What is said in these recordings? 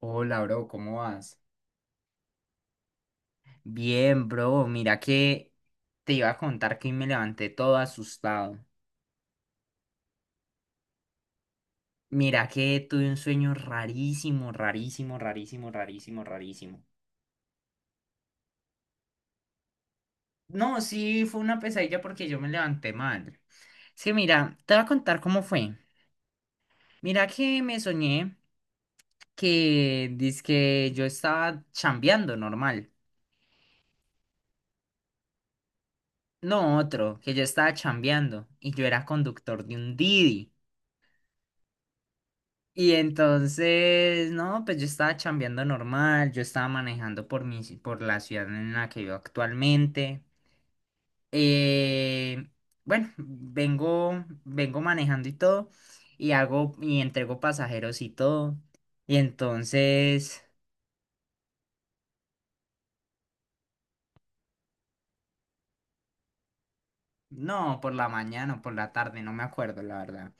Hola, bro, ¿cómo vas? Bien, bro, mira que te iba a contar que hoy me levanté todo asustado. Mira que tuve un sueño rarísimo, rarísimo, rarísimo, rarísimo, rarísimo. No, sí, fue una pesadilla porque yo me levanté mal. Es que mira, te voy a contar cómo fue. Mira que me soñé que dizque yo estaba chambeando normal. No otro, que yo estaba chambeando y yo era conductor de un Didi. Y entonces, no, pues yo estaba chambeando normal, yo estaba manejando por por la ciudad en la que vivo actualmente. Eh, bueno, vengo manejando y todo, y entrego pasajeros y todo. Y entonces, no, por la mañana o por la tarde, no me acuerdo, la verdad.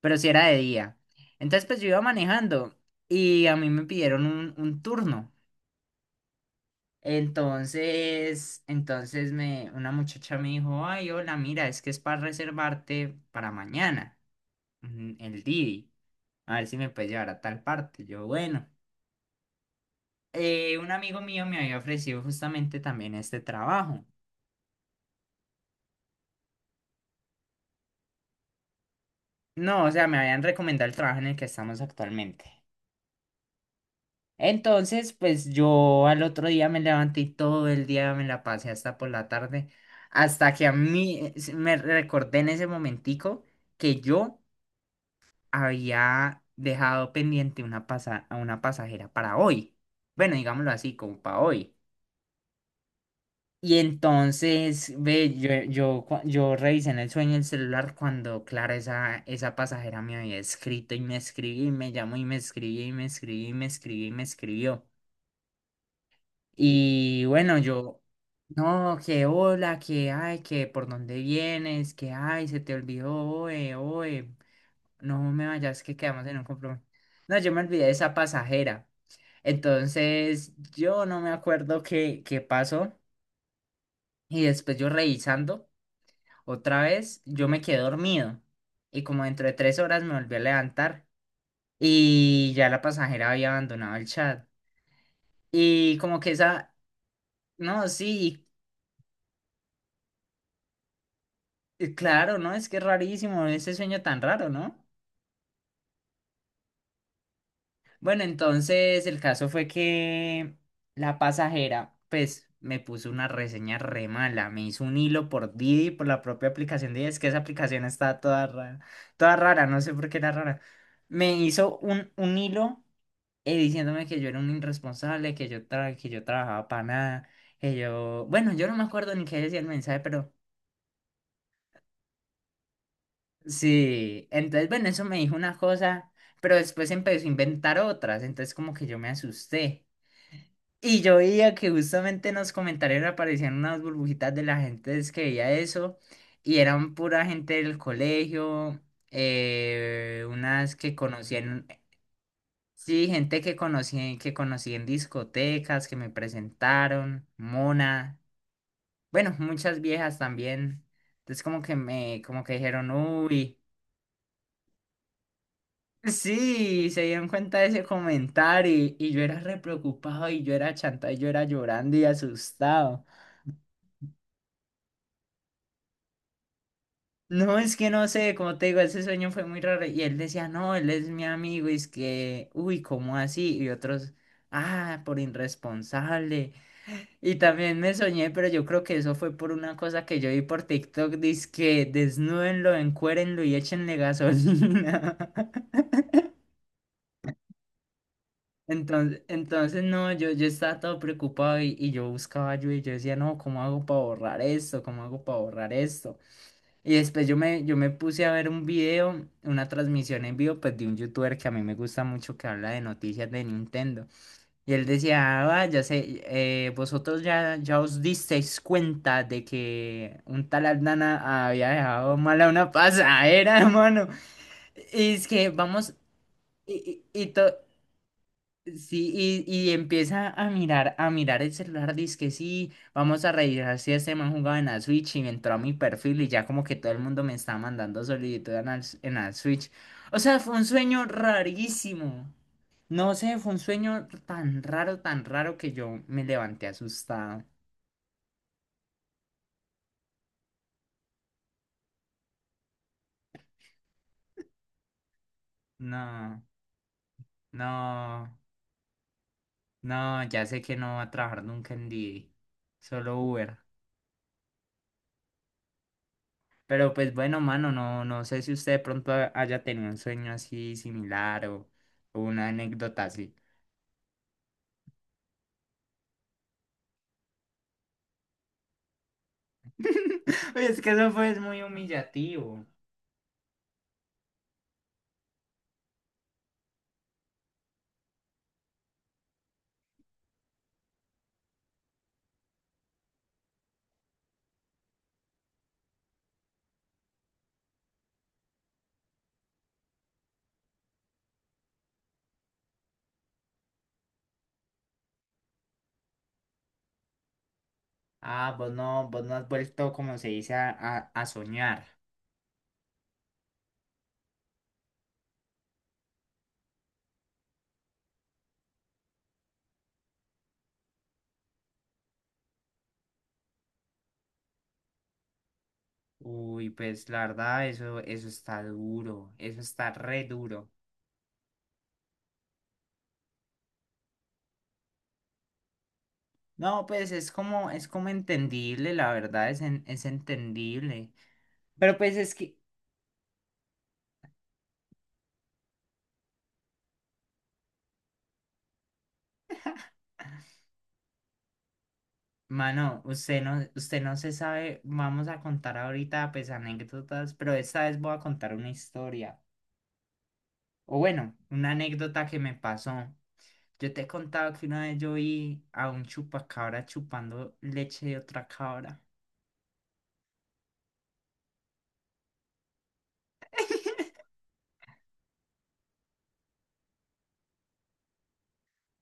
Pero si era de día. Entonces, pues yo iba manejando y a mí me pidieron un turno. Entonces, una muchacha me dijo, ay, hola, mira, es que es para reservarte para mañana, el Didi, a ver si me puedes llevar a tal parte. Yo, bueno, un amigo mío me había ofrecido justamente también este trabajo. No, o sea, me habían recomendado el trabajo en el que estamos actualmente. Entonces, pues yo al otro día me levanté y todo el día me la pasé hasta por la tarde, hasta que a mí me recordé en ese momentico que yo había dejado pendiente a una pasajera para hoy. Bueno, digámoslo así, como para hoy. Y entonces, ve, yo revisé en el sueño el celular cuando, claro, esa pasajera me había escrito y me escribí, y me llamó y me escribí, y me escribí, y me escribí, y me escribió. Y bueno, yo, no, que hola, que ay, que por dónde vienes, que ay, se te olvidó, oe, no me vayas, que quedamos en un compromiso. No, yo me olvidé de esa pasajera. Entonces, yo no me acuerdo qué pasó. Y después yo revisando otra vez, yo me quedé dormido. Y como dentro de tres horas me volví a levantar. Y ya la pasajera había abandonado el chat. Y como que esa, no, sí, y claro, ¿no? Es que es rarísimo ese sueño tan raro, ¿no? Bueno, entonces el caso fue que la pasajera, pues, me puso una reseña re mala. Me hizo un hilo por Didi, por la propia aplicación Didi. Es que esa aplicación está toda rara, no sé por qué era rara. Me hizo un hilo diciéndome que yo era un irresponsable, que yo trabajaba para nada, que yo... Bueno, yo no me acuerdo ni qué decía el mensaje, pero sí. Entonces, bueno, eso me dijo una cosa, pero después empezó a inventar otras. Entonces, como que yo me asusté. Y yo veía que justamente en los comentarios aparecían unas burbujitas de la gente es que veía eso, y eran pura gente del colegio, unas que conocían, sí, gente que conocían, que conocí en discotecas, que me presentaron, Mona, bueno, muchas viejas también. Entonces como que me, como que dijeron, uy, sí, se dieron cuenta de ese comentario, y yo era re preocupado, y yo era chanta, y yo era llorando y asustado. No, es que no sé, como te digo, ese sueño fue muy raro. Y él decía, no, él es mi amigo, y es que, uy, ¿cómo así? Y otros, ah, por irresponsable. Y también me soñé, pero yo creo que eso fue por una cosa que yo vi por TikTok, dice que desnúdenlo, encuérenlo y échenle gasolina. Entonces, no, yo estaba todo preocupado y yo buscaba ayuda y yo decía, no, ¿cómo hago para borrar esto? ¿Cómo hago para borrar esto? Y después yo me puse a ver un video, una transmisión en vivo, pues de un youtuber que a mí me gusta mucho que habla de noticias de Nintendo. Y él decía, ah, va, ya sé, vosotros ya, ya os disteis cuenta de que un tal Aldana había dejado mal a una pasadera, hermano. Y es que vamos, y, y, y to- sí, y empieza a mirar el celular, dice que sí, vamos a revisar si este man jugaba en la Switch y me entró a mi perfil y ya como que todo el mundo me está mandando solicitud en en la Switch. O sea, fue un sueño rarísimo. No sé, fue un sueño tan raro que yo me levanté asustado. No, no, no, ya sé que no va a trabajar nunca en D D. Solo Uber. Pero pues bueno, mano, no, no sé si usted de pronto haya tenido un sueño así similar o una anécdota así. Oye, es que eso fue es muy humillativo. Ah, vos no has vuelto, como se dice, a soñar. Uy, pues la verdad, eso está duro, eso está re duro. No, pues es como entendible, la verdad, es entendible. Pero pues es que mano, usted no se sabe, vamos a contar ahorita pues anécdotas, pero esta vez voy a contar una historia. O bueno, una anécdota que me pasó. Yo te he contado que una vez yo vi a un chupacabra chupando leche de otra cabra.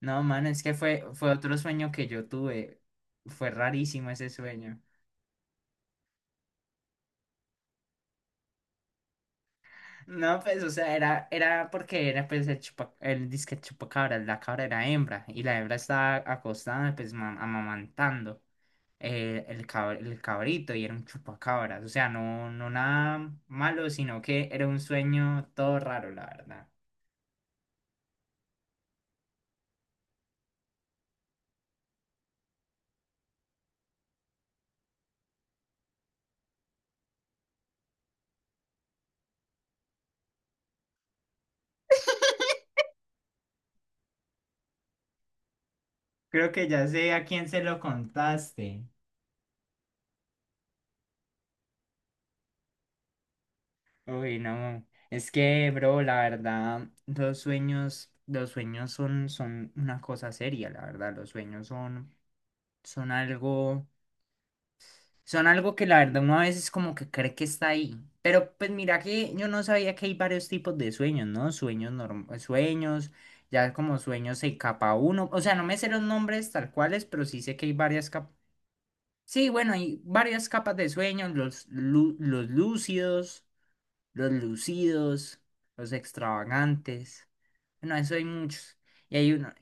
No, mano, es que fue, fue otro sueño que yo tuve. Fue rarísimo ese sueño. No, pues, o sea, era, era porque era pues el disque chupacabra, la cabra era hembra y la hembra estaba acostada pues amamantando. El cabrito y era un chupacabras. O sea, no, no nada malo, sino que era un sueño todo raro, la verdad. Creo que ya sé a quién se lo contaste. Uy, no. Es que, bro, la verdad, los sueños son, son una cosa seria, la verdad. Los sueños son, son algo. Son algo que la verdad uno a veces como que cree que está ahí. Pero pues mira que yo no sabía que hay varios tipos de sueños, ¿no? Sueños normales, sueños, ya como sueños de capa uno. O sea, no me sé los nombres tal cuales, pero sí sé que hay varias capas. Sí, bueno, hay varias capas de sueños, los lúcidos, los lucidos, los extravagantes. Bueno, eso hay muchos. Y hay uno,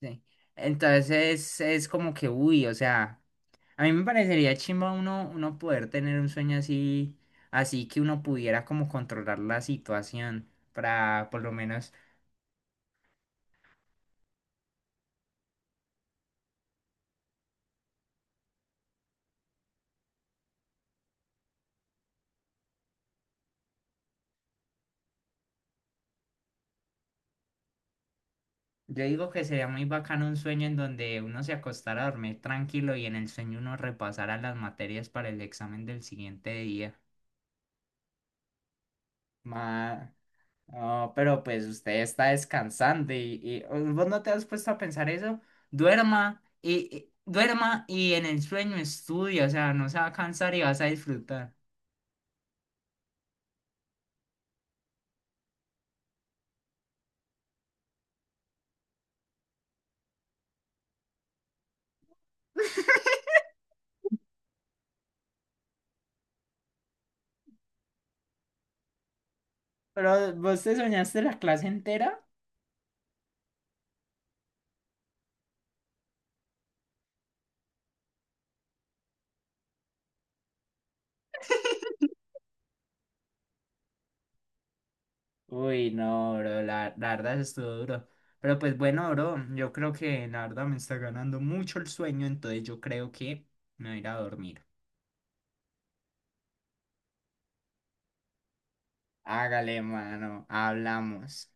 sí. Entonces es como que, uy, o sea, a mí me parecería chimba uno poder tener un sueño así, así que uno pudiera como controlar la situación para, por lo menos, yo digo que sería muy bacano un sueño en donde uno se acostara a dormir tranquilo y en el sueño uno repasara las materias para el examen del siguiente día. Ma- No, pero pues usted está descansando vos no te has puesto a pensar eso. Duerma duerma y en el sueño estudia, o sea, no se va a cansar y vas a disfrutar. Pero vos te soñaste la clase entera. Uy, no, bro, la verdad eso estuvo duro. Pero pues bueno, bro, yo creo que la verdad me está ganando mucho el sueño, entonces yo creo que me voy a ir a dormir. Hágale, mano, hablamos.